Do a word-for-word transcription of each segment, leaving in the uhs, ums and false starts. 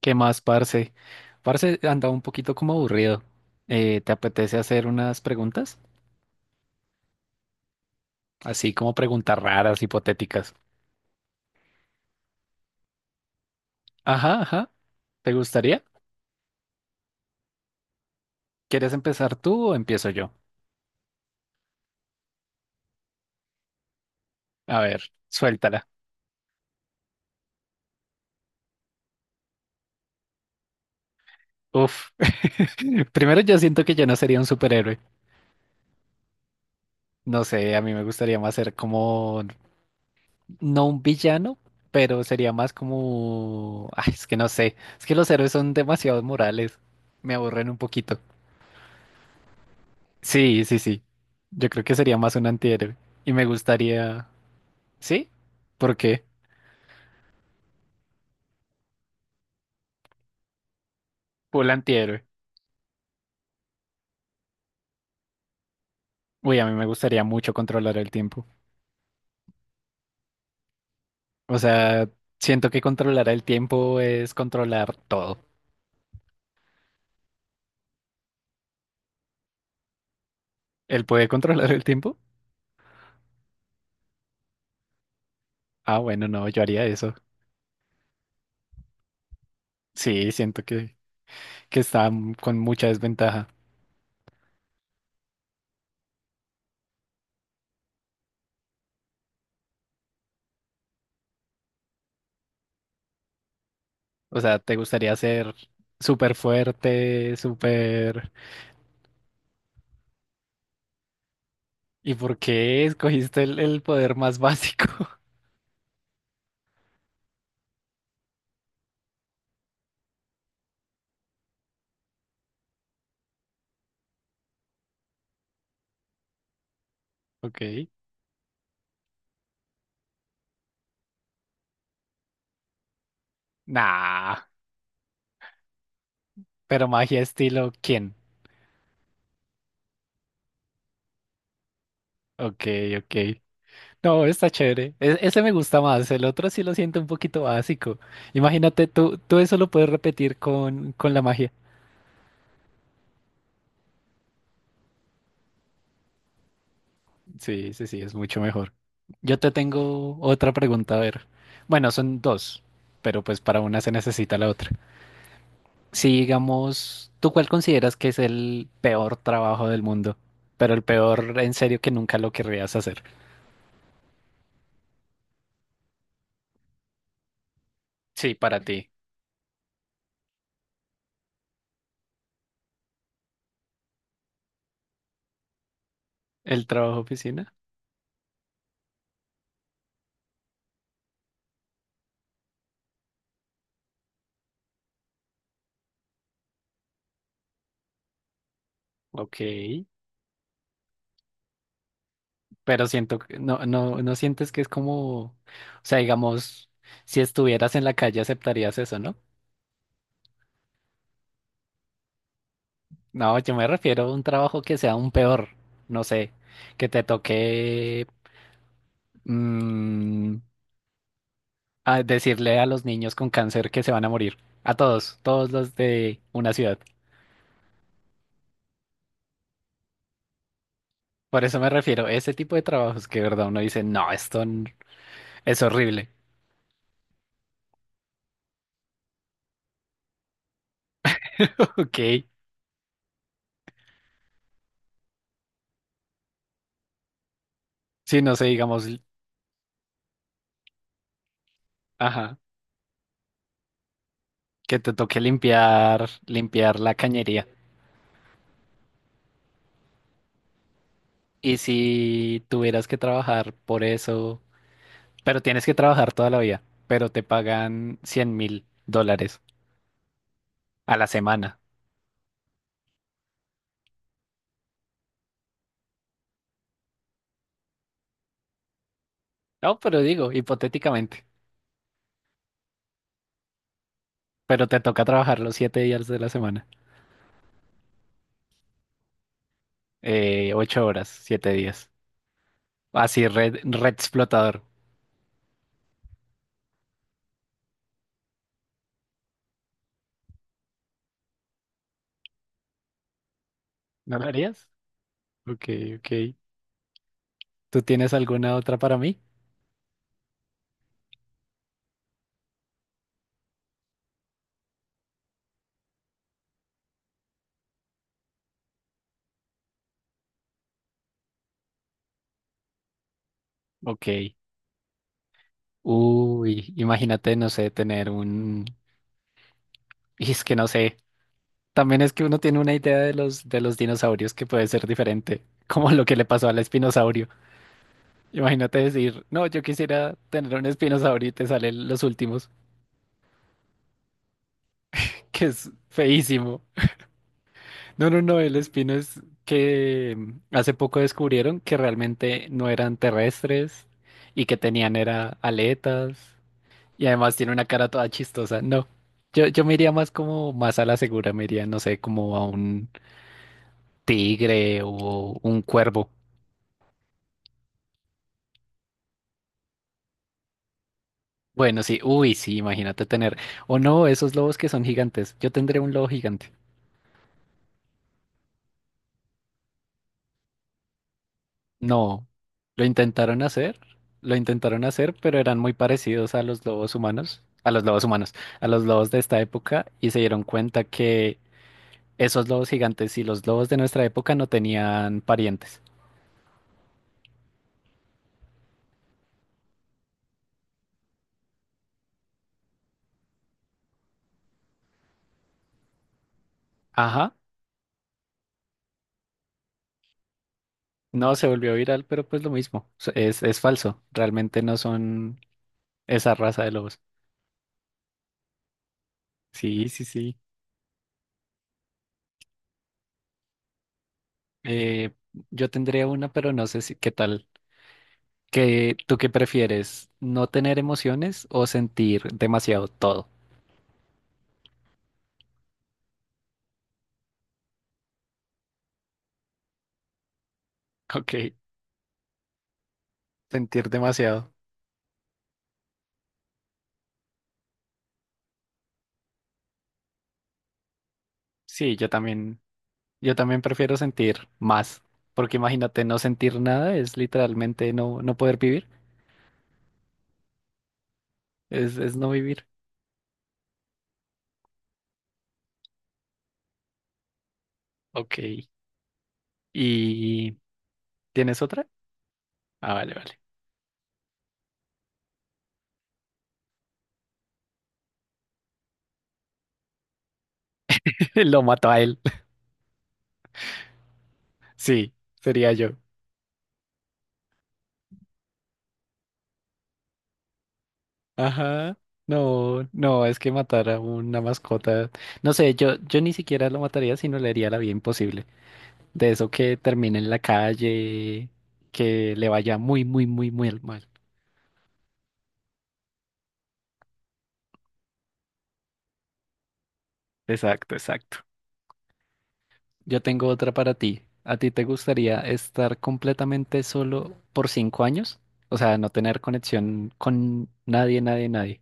¿Qué más, parce? Parce andaba un poquito como aburrido. Eh, ¿te apetece hacer unas preguntas? Así como preguntas raras, hipotéticas. Ajá, ajá. ¿Te gustaría? ¿Quieres empezar tú o empiezo yo? A ver, suéltala. Uf. Primero yo siento que yo no sería un superhéroe. No sé, a mí me gustaría más ser como, no un villano, pero sería más como... Ay, es que no sé. Es que los héroes son demasiado morales. Me aburren un poquito. Sí, sí, sí. Yo creo que sería más un antihéroe. Y me gustaría... ¿Sí? ¿Por qué? Full antihéroe. Uy, a mí me gustaría mucho controlar el tiempo. O sea, siento que controlar el tiempo es controlar todo. ¿Él puede controlar el tiempo? Ah, bueno, no, yo haría eso. Sí, siento que, que está m- con mucha desventaja. O sea, ¿te gustaría ser súper fuerte, súper... ¿Y por qué escogiste el, el poder más básico? Ok. Nah. Pero magia estilo, ¿quién? Ok, ok. No, está chévere. E- ese me gusta más. El otro sí lo siento un poquito básico. Imagínate, tú, tú eso lo puedes repetir con, con la magia. Sí, sí, sí, es mucho mejor. Yo te tengo otra pregunta, a ver. Bueno, son dos, pero pues para una se necesita la otra. Si digamos, ¿tú cuál consideras que es el peor trabajo del mundo? Pero el peor en serio que nunca lo querrías hacer. Sí, para ti. ¿El trabajo de oficina? Ok. Pero siento que no, no, no sientes que es como, o sea, digamos, si estuvieras en la calle aceptarías eso, ¿no? No, yo me refiero a un trabajo que sea un peor, no sé, que te toque mm, a decirle a los niños con cáncer que se van a morir, a todos, todos los de una ciudad. Por eso me refiero a ese tipo de trabajos que de verdad uno dice, no, esto n- es horrible. Ok, si no sé, digamos, ajá, que te toque limpiar, limpiar la cañería. Y si tuvieras que trabajar por eso, pero tienes que trabajar toda la vida, pero te pagan cien mil dólares a la semana. No, pero digo, hipotéticamente, pero te toca trabajar los siete días de la semana, eh, ocho horas, siete días. Así, red, red explotador. ¿No lo harías? Ok, ok. ¿Tú tienes alguna otra para mí? Ok. Uy, imagínate, no sé, tener un... Y es que no sé. También es que uno tiene una idea de los, de los dinosaurios que puede ser diferente, como lo que le pasó al espinosaurio. Imagínate decir, no, yo quisiera tener un espinosaurio y te salen los últimos, que es feísimo. No, no, no, el espino es que mm, hace poco descubrieron que realmente no eran terrestres y que tenían era aletas y además tiene una cara toda chistosa. No, yo, yo me iría más como más a la segura, me iría, no sé, como a un tigre o un cuervo. Bueno, sí, uy, sí, imagínate tener, o no, esos lobos que son gigantes, yo tendré un lobo gigante. No, lo intentaron hacer, lo intentaron hacer, pero eran muy parecidos a los lobos humanos, a los lobos humanos, a los lobos de esta época, y se dieron cuenta que esos lobos gigantes y los lobos de nuestra época no tenían parientes. Ajá, no, se volvió viral, pero pues lo mismo, so- es, es falso, realmente no son esa raza de lobos. Sí, sí, sí. Eh, yo tendría una, pero no sé si qué tal. ¿Qué, tú qué prefieres? ¿No tener emociones o sentir demasiado todo? Ok, sentir demasiado. Sí, yo también, yo también prefiero sentir más, porque imagínate, no sentir nada es literalmente no, no poder vivir, es, es no vivir. Ok, ¿y tienes otra? Ah, vale, vale. Lo mató a él. Sí, sería yo. Ajá. No, no, es que matar a una mascota. No sé, yo, yo ni siquiera lo mataría, sino le haría la vida imposible. De eso que termine en la calle, que le vaya muy, muy, muy, muy al mal. Exacto, exacto. Yo tengo otra para ti. ¿A ti te gustaría estar completamente solo por cinco años? O sea, no tener conexión con nadie, nadie, nadie.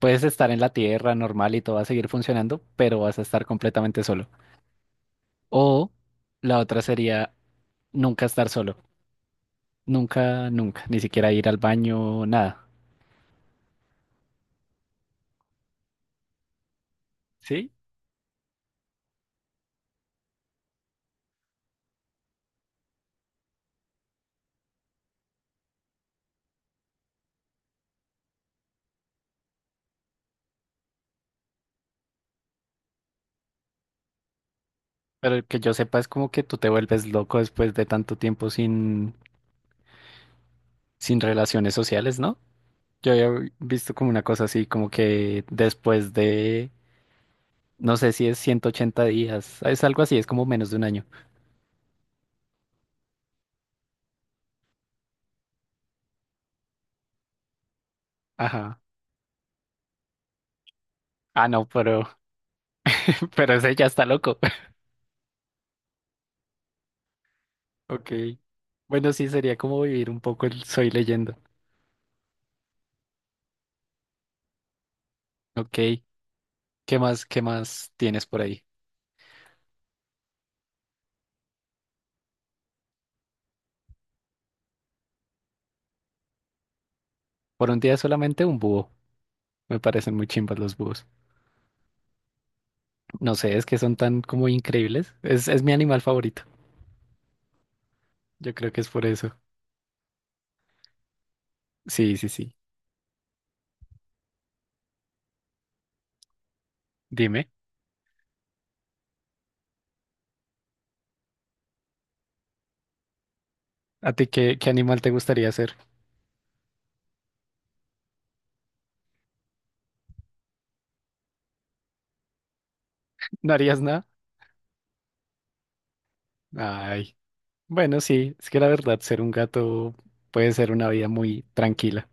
Puedes estar en la tierra normal y todo va a seguir funcionando, pero vas a estar completamente solo. O la otra sería nunca estar solo. Nunca, nunca. Ni siquiera ir al baño, nada. ¿Sí? Pero que yo sepa es como que tú te vuelves loco después de tanto tiempo sin, sin relaciones sociales, ¿no? Yo había visto como una cosa así, como que después de, no sé si es ciento ochenta días, es algo así, es como menos de un año. Ajá. Ah, no, pero, pero ese ya está loco. Ok. Bueno, sí, sería como vivir un poco el Soy Leyenda. Ok. ¿Qué más, qué más tienes por ahí? Por un día solamente un búho. Me parecen muy chimbas los búhos. No sé, es que son tan como increíbles. Es, es mi animal favorito. Yo creo que es por eso. Sí, sí, sí. Dime, ¿a ti qué, qué animal te gustaría ser? ¿No harías nada? Ay, bueno, sí, es que la verdad, ser un gato puede ser una vida muy tranquila.